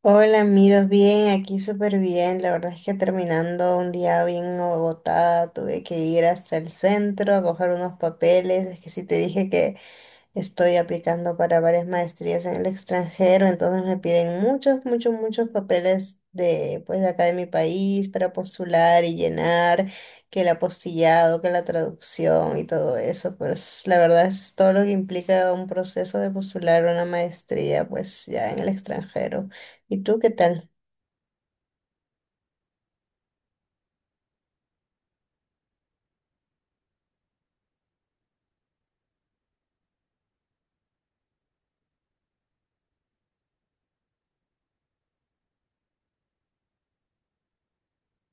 Hola, miro bien, aquí súper bien. La verdad es que terminando un día bien agotada, tuve que ir hasta el centro a coger unos papeles. Es que sí te dije que estoy aplicando para varias maestrías en el extranjero, entonces me piden muchos, muchos, muchos papeles de, pues, de acá de mi país para postular y llenar, que el apostillado, que la traducción y todo eso. Pues la verdad es todo lo que implica un proceso de postular una maestría, pues ya en el extranjero. ¿Y tú qué tal?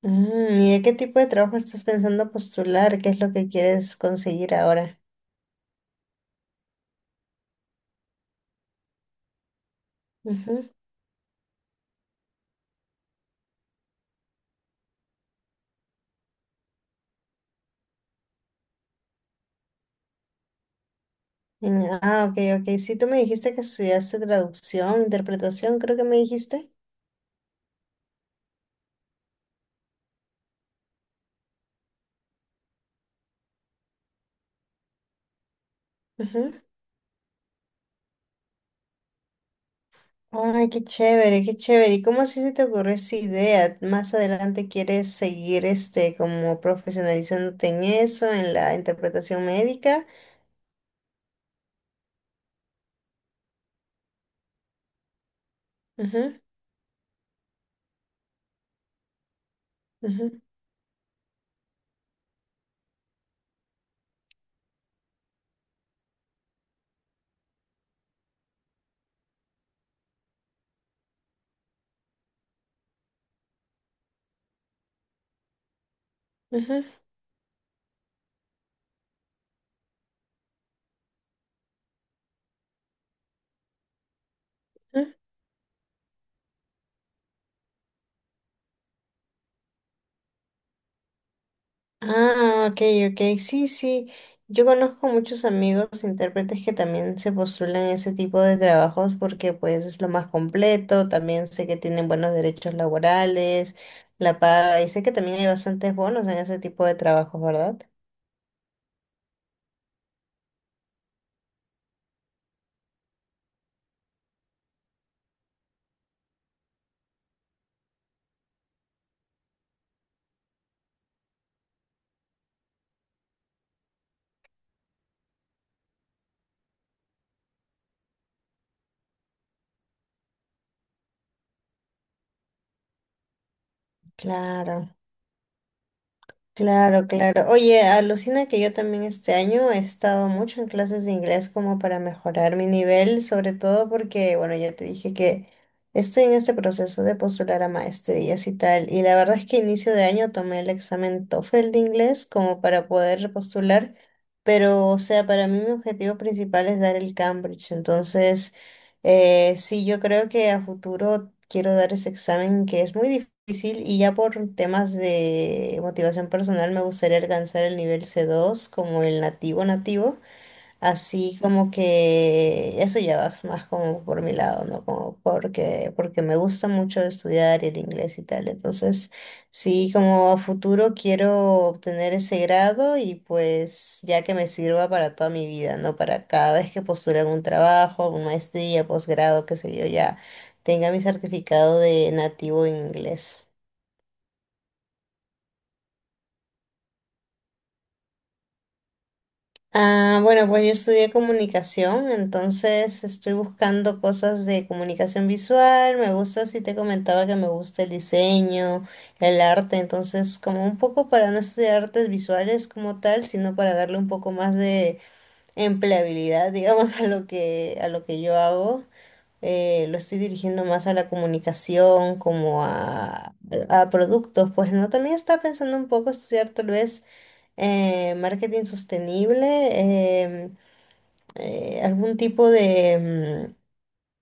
Mm, ¿Y de qué tipo de trabajo estás pensando postular? ¿Qué es lo que quieres conseguir ahora? Mm, ah, ok, ok. Sí, tú me dijiste que estudiaste traducción, interpretación, creo que me dijiste. Ujú. Ay, qué chévere, qué chévere. ¿Y cómo así se te ocurrió esa idea? ¿Más adelante quieres seguir este como profesionalizándote en eso, en la interpretación médica? Ujú, ujú, ujú, ujú. Ah, ok, ok. Sí, sí. Yo conozco muchos amigos intérpretes que también se postulan a ese tipo de trabajos porque pues es lo más completo, también sé que tienen buenos derechos laborales, la paga, y sé que también hay bastantes bonos en ese tipo de trabajos, ¿verdad? Claro. Claro, claro. Oye, alucina que yo también este año he estado mucho en clases de inglés como para mejorar mi nivel, sobre todo porque, bueno, ya te dije que estoy en este proceso de postular a maestrías y tal. Y la verdad es que inicio de año tomé el examen TOEFL de inglés como para poder repostular, pero, o sea, para mí mi objetivo principal es dar el Cambridge. Entonces... Sí, yo creo que a futuro quiero dar ese examen que es muy difícil y ya por temas de motivación personal me gustaría alcanzar el nivel C2 como el nativo nativo. Así como que eso ya va más como por mi lado, ¿no? Como porque me gusta mucho estudiar el inglés y tal. Entonces, sí, como a futuro quiero obtener ese grado y pues ya que me sirva para toda mi vida, ¿no? Para cada vez que postule algún trabajo, una maestría, posgrado, qué sé yo, ya tenga mi certificado de nativo en inglés. Ah, bueno, pues yo estudié comunicación, entonces estoy buscando cosas de comunicación visual. Me gusta, si te comentaba que me gusta el diseño, el arte, entonces como un poco para no estudiar artes visuales como tal, sino para darle un poco más de empleabilidad, digamos, a lo que yo hago. Lo estoy dirigiendo más a la comunicación, como a productos, pues no. También estaba pensando un poco estudiar tal vez marketing sostenible, em, algún tipo de,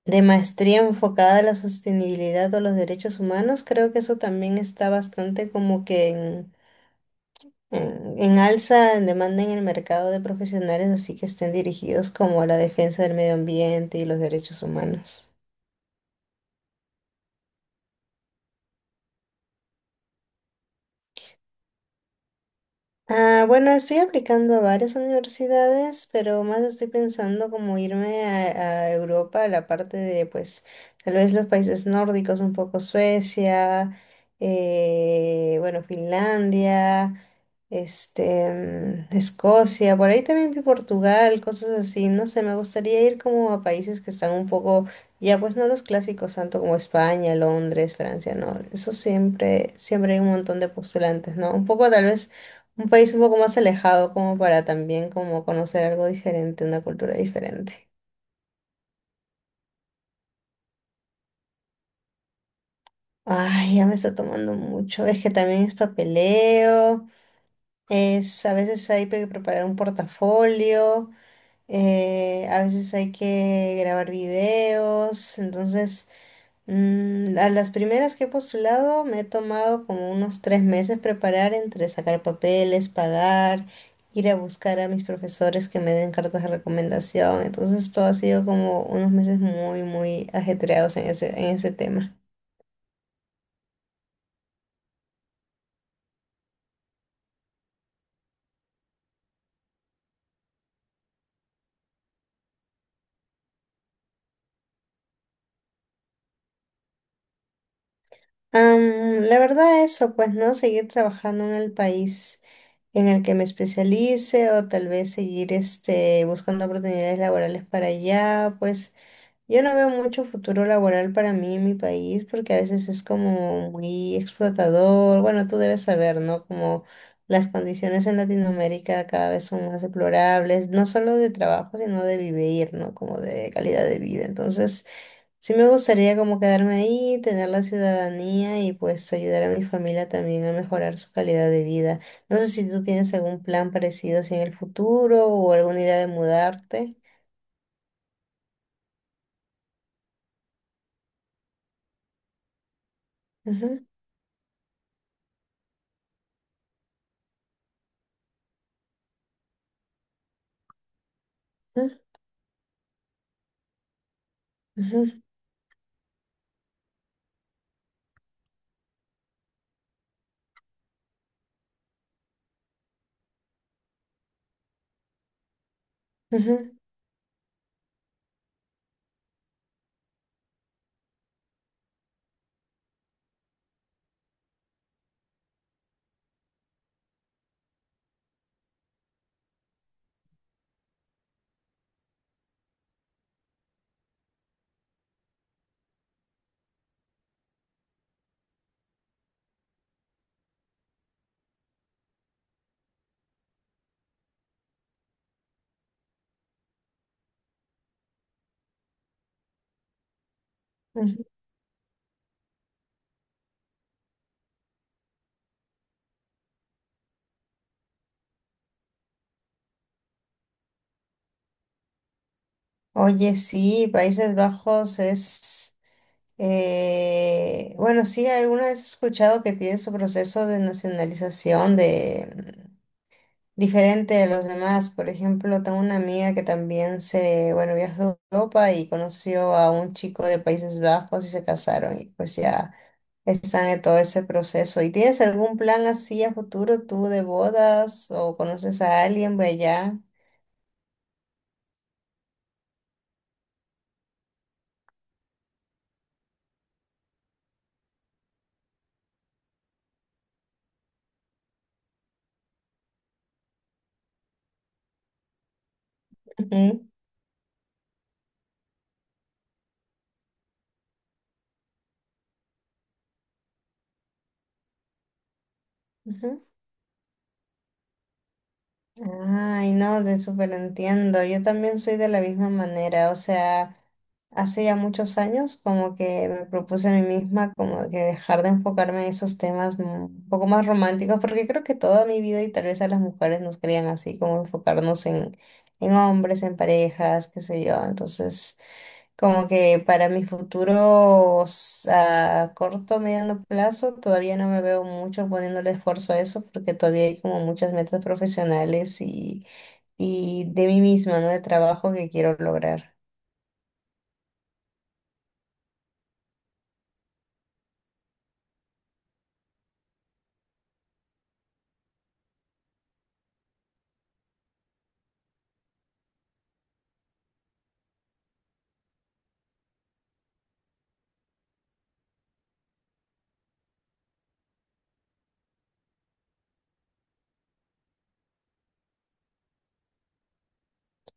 de maestría enfocada a la sostenibilidad o a los derechos humanos. Creo que eso también está bastante como que en, en alza, en demanda en el mercado de profesionales, así que estén dirigidos como a la defensa del medio ambiente y los derechos humanos. Ah, bueno, estoy aplicando a varias universidades, pero más estoy pensando como irme a Europa, a la parte de, pues, tal vez los países nórdicos, un poco Suecia, bueno, Finlandia, este, Escocia, por ahí también vi Portugal, cosas así, no sé, me gustaría ir como a países que están un poco, ya pues no los clásicos tanto como España, Londres, Francia, no, eso siempre, siempre hay un montón de postulantes, ¿no? Un poco tal vez un país un poco más alejado como para también como conocer algo diferente, una cultura diferente. Ay, ya me está tomando mucho. Es que también es papeleo, es a veces hay que preparar un portafolio, a veces hay que grabar videos, entonces A las primeras que he postulado me he tomado como unos 3 meses preparar entre sacar papeles, pagar, ir a buscar a mis profesores que me den cartas de recomendación. Entonces todo ha sido como unos meses muy, muy ajetreados en ese tema. La verdad eso, pues no, seguir trabajando en el país en el que me especialice o tal vez seguir este, buscando oportunidades laborales para allá, pues. Yo no veo mucho futuro laboral para mí en mi país porque a veces es como muy explotador. Bueno, tú debes saber, ¿no? Como las condiciones en Latinoamérica cada vez son más deplorables, no solo de trabajo, sino de vivir, ¿no? Como de calidad de vida. Entonces, sí me gustaría como quedarme ahí, tener la ciudadanía y pues ayudar a mi familia también a mejorar su calidad de vida. No sé si tú tienes algún plan parecido así en el futuro o alguna idea de mudarte. Ujú, ujú, ujú, ujú, ujú. Oye, sí, Países Bajos es, bueno, sí, alguna vez he escuchado que tiene su proceso de nacionalización de diferente de los demás. Por ejemplo, tengo una amiga que también se, bueno, viajó a Europa y conoció a un chico de Países Bajos y se casaron y pues ya están en todo ese proceso. ¿Y tienes algún plan así a futuro tú de bodas o conoces a alguien de allá? Ujú, ujú. Ay, no, te súper entiendo. Yo también soy de la misma manera. O sea, hace ya muchos años como que me propuse a mí misma como que dejar de enfocarme en esos temas un poco más románticos, porque creo que toda mi vida y tal vez a las mujeres nos creían así, como enfocarnos en hombres, en parejas, qué sé yo. Entonces... Como que para mis futuros a corto, mediano plazo, todavía no me veo mucho poniéndole esfuerzo a eso porque todavía hay como muchas metas profesionales y de mí misma, ¿no? De trabajo que quiero lograr.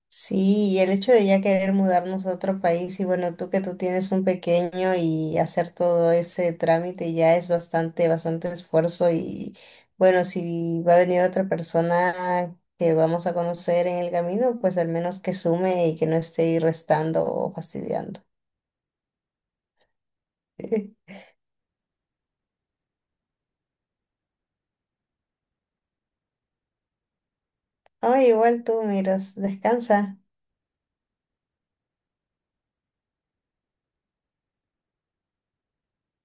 Sí, y el hecho de ya querer mudarnos a otro país y bueno, tú que tú tienes un pequeño y hacer todo ese trámite ya es bastante, bastante esfuerzo y bueno, si va a venir otra persona que vamos a conocer en el camino, pues al menos que sume y que no esté ahí restando o fastidiando. Ay, igual tú miras, descansa.